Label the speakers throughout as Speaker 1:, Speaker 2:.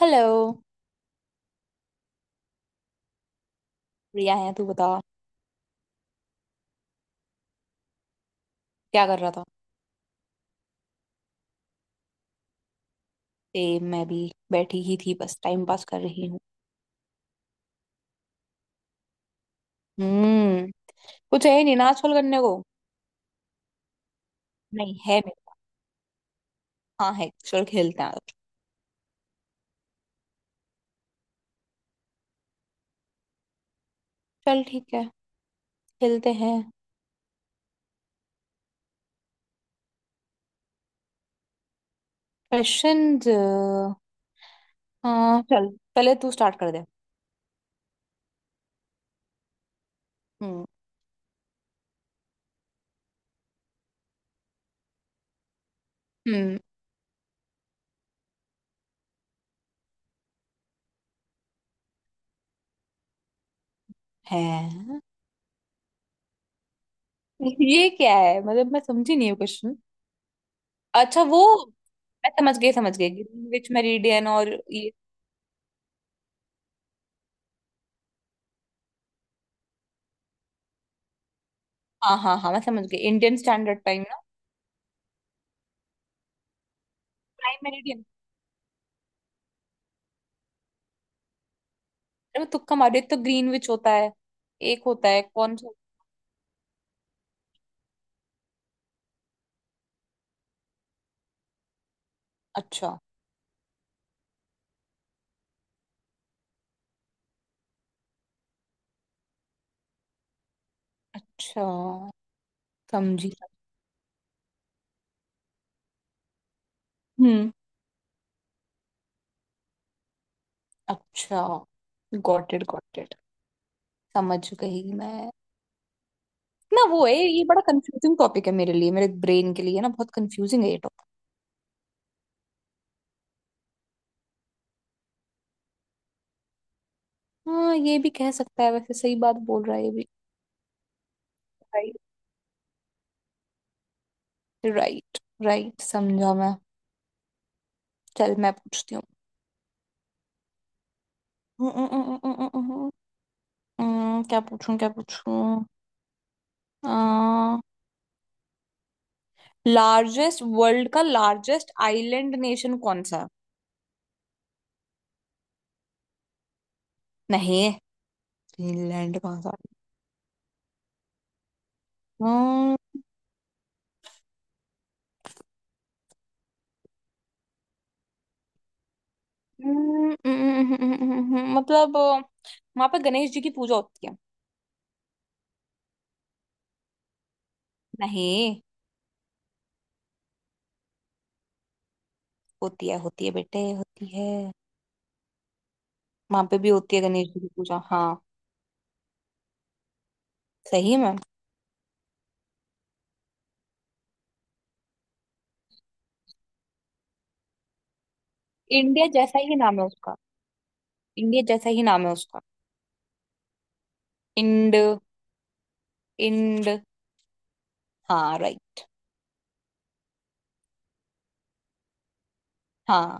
Speaker 1: Hello. Priya है तू बता, क्या कर रहा था। सेम मैं भी बैठी ही थी, बस टाइम पास कर रही हूँ। हम्म। कुछ है ही नहीं ना आजकल करने को। नहीं है मेरे पास। हाँ है, चल खेलते हैं आज। चल ठीक है, खेलते हैं। क्वेश्चंस? हाँ चल, पहले तू स्टार्ट कर दे। हम्म। हम्म है? ये क्या है, मतलब मैं समझी नहीं हूँ क्वेश्चन। अच्छा वो, मैं समझ गई समझ गई, ग्रीनविच मेरिडियन और ये। हाँ हाँ हाँ, मैं समझ गई, इंडियन स्टैंडर्ड टाइम ना। प्राइम। अरे मैं तुक्का मारे, एक तो ग्रीनविच होता है, एक होता है कौन सा। अच्छा। अच्छा, समझी। हम्म। अच्छा। Got it, got it. समझ गई मैं। ना वो है, ये बड़ा कंफ्यूजिंग टॉपिक है मेरे लिए, मेरे ब्रेन के लिए ना बहुत कंफ्यूजिंग है ये टॉपिक। हाँ ये भी कह सकता है, वैसे सही बात बोल रहा है ये भी। राइट। राइट। राइट, समझा मैं। चल मैं पूछती हूँ। हम्म, हम्म, हम्म, हम्म, हम्म, हम्म, क्या पूछूं, क्या पूछूं। लार्जेस्ट, वर्ल्ड का लार्जेस्ट आइलैंड नेशन कौन सा है? नहीं। फिनलैंड कौन सा। हम्म, मतलब वहां पे गणेश जी की पूजा होती है। नहीं, होती है होती है बेटे, होती है। वहां पे भी होती है गणेश जी की पूजा, हाँ। सही में। इंडिया जैसा ही नाम है उसका। इंडिया जैसा ही नाम है उसका। इंड। इंड। हाँ राइट। हाँ,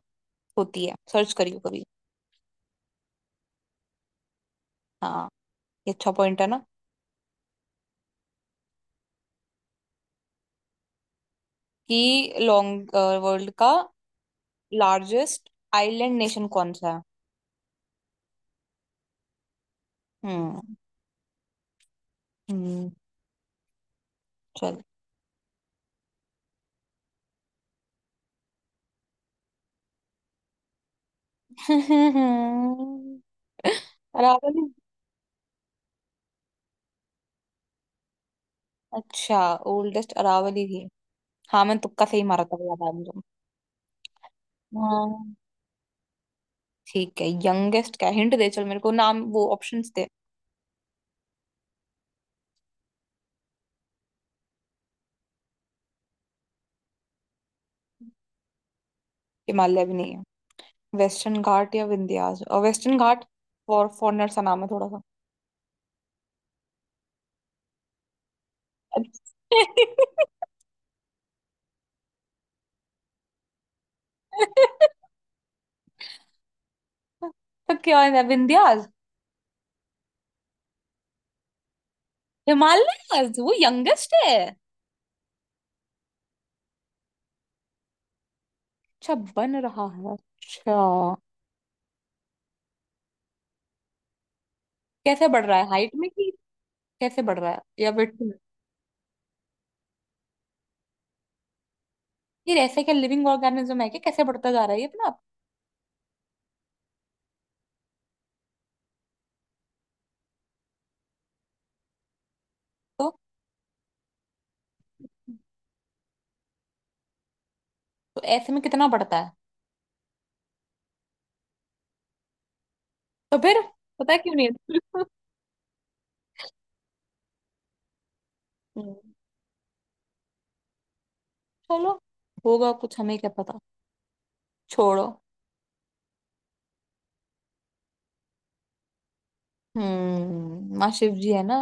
Speaker 1: होती है, सर्च करियो कभी। हाँ, ये अच्छा पॉइंट है ना। कि लॉन्ग, वर्ल्ड का लार्जेस्ट आइलैंड नेशन कौन सा है। हम्म। हम्म। चल। अरावली। अच्छा, ओल्डेस्ट अरावली थी। हाँ मैं तुक्का सही मारा था, याद आया मुझे। हाँ। ठीक है, यंगेस्ट क्या, हिंट दे चल मेरे को, नाम वो ऑप्शंस दे। हिमालय भी नहीं है। वेस्टर्न घाट या विंध्याचल और वेस्टर्न घाट। फॉरनर सा नाम है थोड़ा सा। अच्छा। तो क्या है विंध्याचल। हिमालय वो यंगेस्ट है। अच्छा, बन रहा है, अच्छा। कैसे बढ़ रहा है, हाइट में कि कैसे बढ़ रहा है, या वेट में। फिर ऐसे क्या लिविंग ऑर्गेनिज्म है कि कैसे बढ़ता जा रहा है ये अपना आप। को? तो, तो ऐसे में कितना बढ़ता है। तो फिर पता क्यों नहीं है? हम्म, चलो, होगा कुछ, हमें क्या पता। छोड़ो। हम्म, माँ शिव जी है ना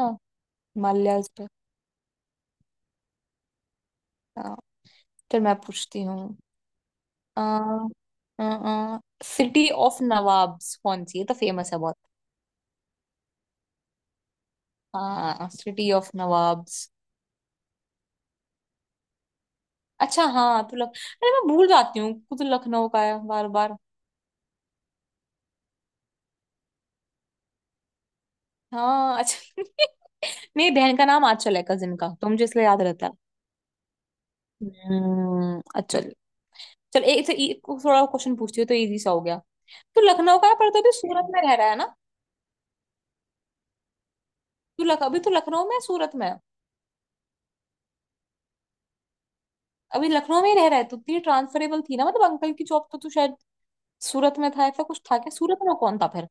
Speaker 1: हिमालयाज पे। हाँ, चल मैं पूछती हूँ। अ सिटी ऑफ नवाब्स कौन सी है तो, फेमस है बहुत। हाँ सिटी ऑफ नवाब्स। अच्छा हाँ तो लख, अरे मैं भूल जाती हूँ खुद, लखनऊ का है बार बार। हाँ अच्छा। मेरी बहन का नाम आंचल है, कजिन का, तो मुझे इसलिए याद रहता है। अचल। चल एक थोड़ा क्वेश्चन पूछती हूँ, तो इजी सा हो गया। तू लखनऊ का है पर तो अभी सूरत में रह रहा है ना। तू लख, अभी तो लखनऊ में है, सूरत में है? अभी लखनऊ में ही रह रहा है तो तेरी ट्रांसफरेबल थी ना, मतलब अंकल की जॉब, तो तू शायद सूरत में था, ऐसा कुछ था क्या, सूरत में कौन था फिर।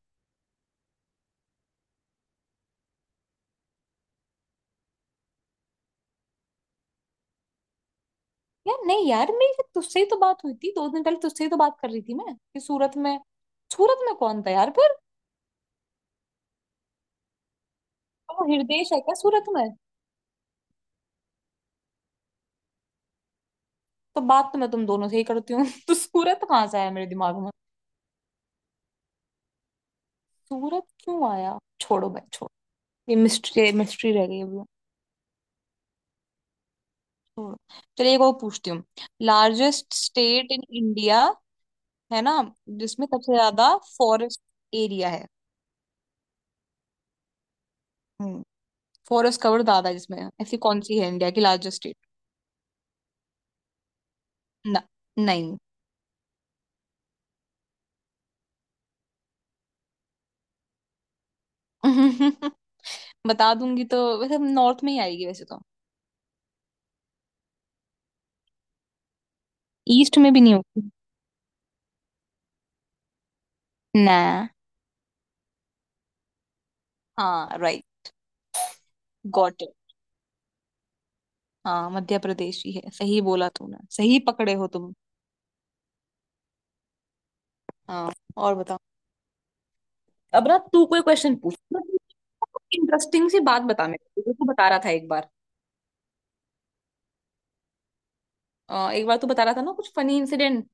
Speaker 1: यार नहीं यार, मेरी तो तुझसे ही तो बात हुई थी दो दिन पहले, तुझसे ही तो बात कर रही थी मैं कि सूरत में, सूरत में कौन था यार फिर। तो हृदेश है क्या सूरत में। तो बात तो मैं तुम दोनों से ही करती हूँ। तो सूरत कहाँ से आया मेरे दिमाग में। सूरत क्यों आया, छोड़ो भाई छोड़ो। ये मिस्ट्री, मिस्ट्री रह गई अभी। छोड़ो। चलिए एक और पूछती हूँ। लार्जेस्ट स्टेट इन इंडिया, है ना, जिसमें सबसे ज्यादा फॉरेस्ट एरिया है। हम्म, फॉरेस्ट कवर ज्यादा है जिसमें, ऐसी कौन सी है इंडिया की लार्जेस्ट स्टेट। ना। नहीं। बता दूंगी तो वैसे नॉर्थ में ही आएगी वैसे तो। ईस्ट में भी नहीं होगी। ना। हाँ राइट। गॉट, हाँ मध्य प्रदेश ही है, सही बोला तूने, सही पकड़े हो तुम। हाँ। और बताओ। अब ना तू कोई क्वेश्चन पूछ। इंटरेस्टिंग सी बात बता मेरे को, तू बता रहा था एक बार। एक बार तू बता रहा था ना कुछ फनी इंसिडेंट।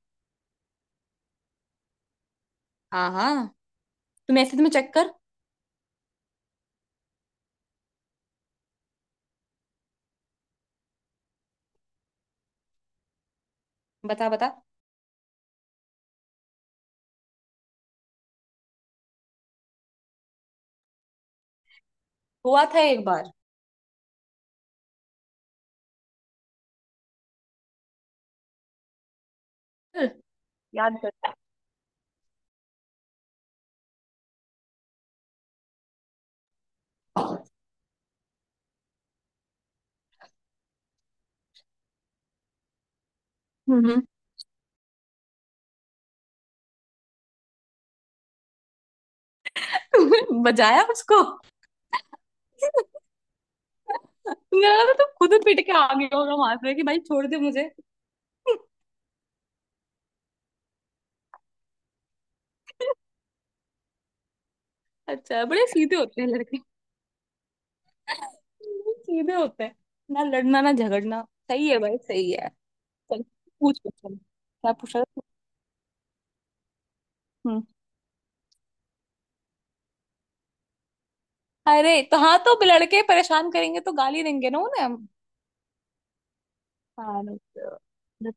Speaker 1: हाँ हाँ, तुम ऐसे तुम्हें चेक कर। बता बता। हुआ था एक बार। चल, याद कर। हम्म। तुमने बजाया उसको, मुझे लगा था तुम खुद पिट के आ गए होगा वहां से कि भाई छोड़ दे मुझे। अच्छा, बड़े सीधे होते हैं लड़के, सीधे होते हैं, ना लड़ना ना झगड़ना, सही है भाई सही है। चल पूछ, क्वेश्चन क्या पूछा था? हम्म। अरे तो हाँ, तो लड़के परेशान करेंगे तो गाली देंगे ना उन्हें हम। हाँ नहीं तो-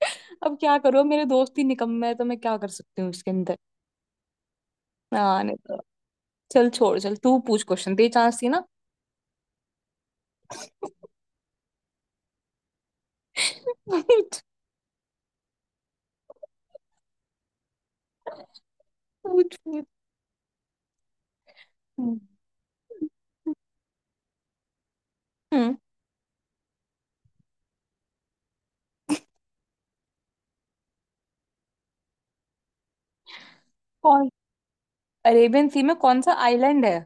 Speaker 1: अब क्या करूँ, मेरे दोस्त ही निकम्मे है तो मैं क्या कर सकती हूँ इसके अंदर। हाँ नहीं तो। चल छोड़, चल तू पूछ क्वेश्चन, तेरी चांस थी ना। पूछ पूछ पूछ हम्म। हम्म, कौन, अरेबियन सी में कौन सा आइलैंड है।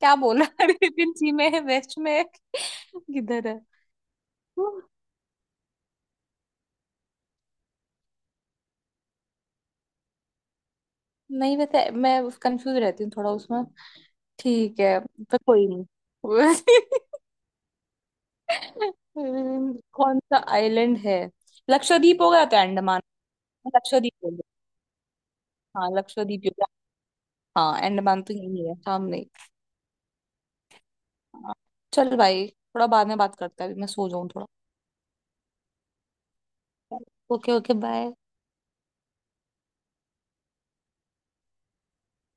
Speaker 1: क्या बोला। अरेबियन सी में है, वेस्ट में है, किधर है। हम्म, नहीं पता है, मैं कंफ्यूज रहती हूँ थोड़ा उसमें। ठीक है, पर कोई नहीं। कौन सा आइलैंड है। लक्षद्वीप होगा तो, अंडमान। लक्षद्वीप होगा। हाँ लक्षद्वीप होगा। हाँ अंडमान तो यही है सामने ही। हाँ, चल भाई थोड़ा बाद में बात करते हैं, अभी मैं सो जाऊँ थोड़ा। Okay okay bye.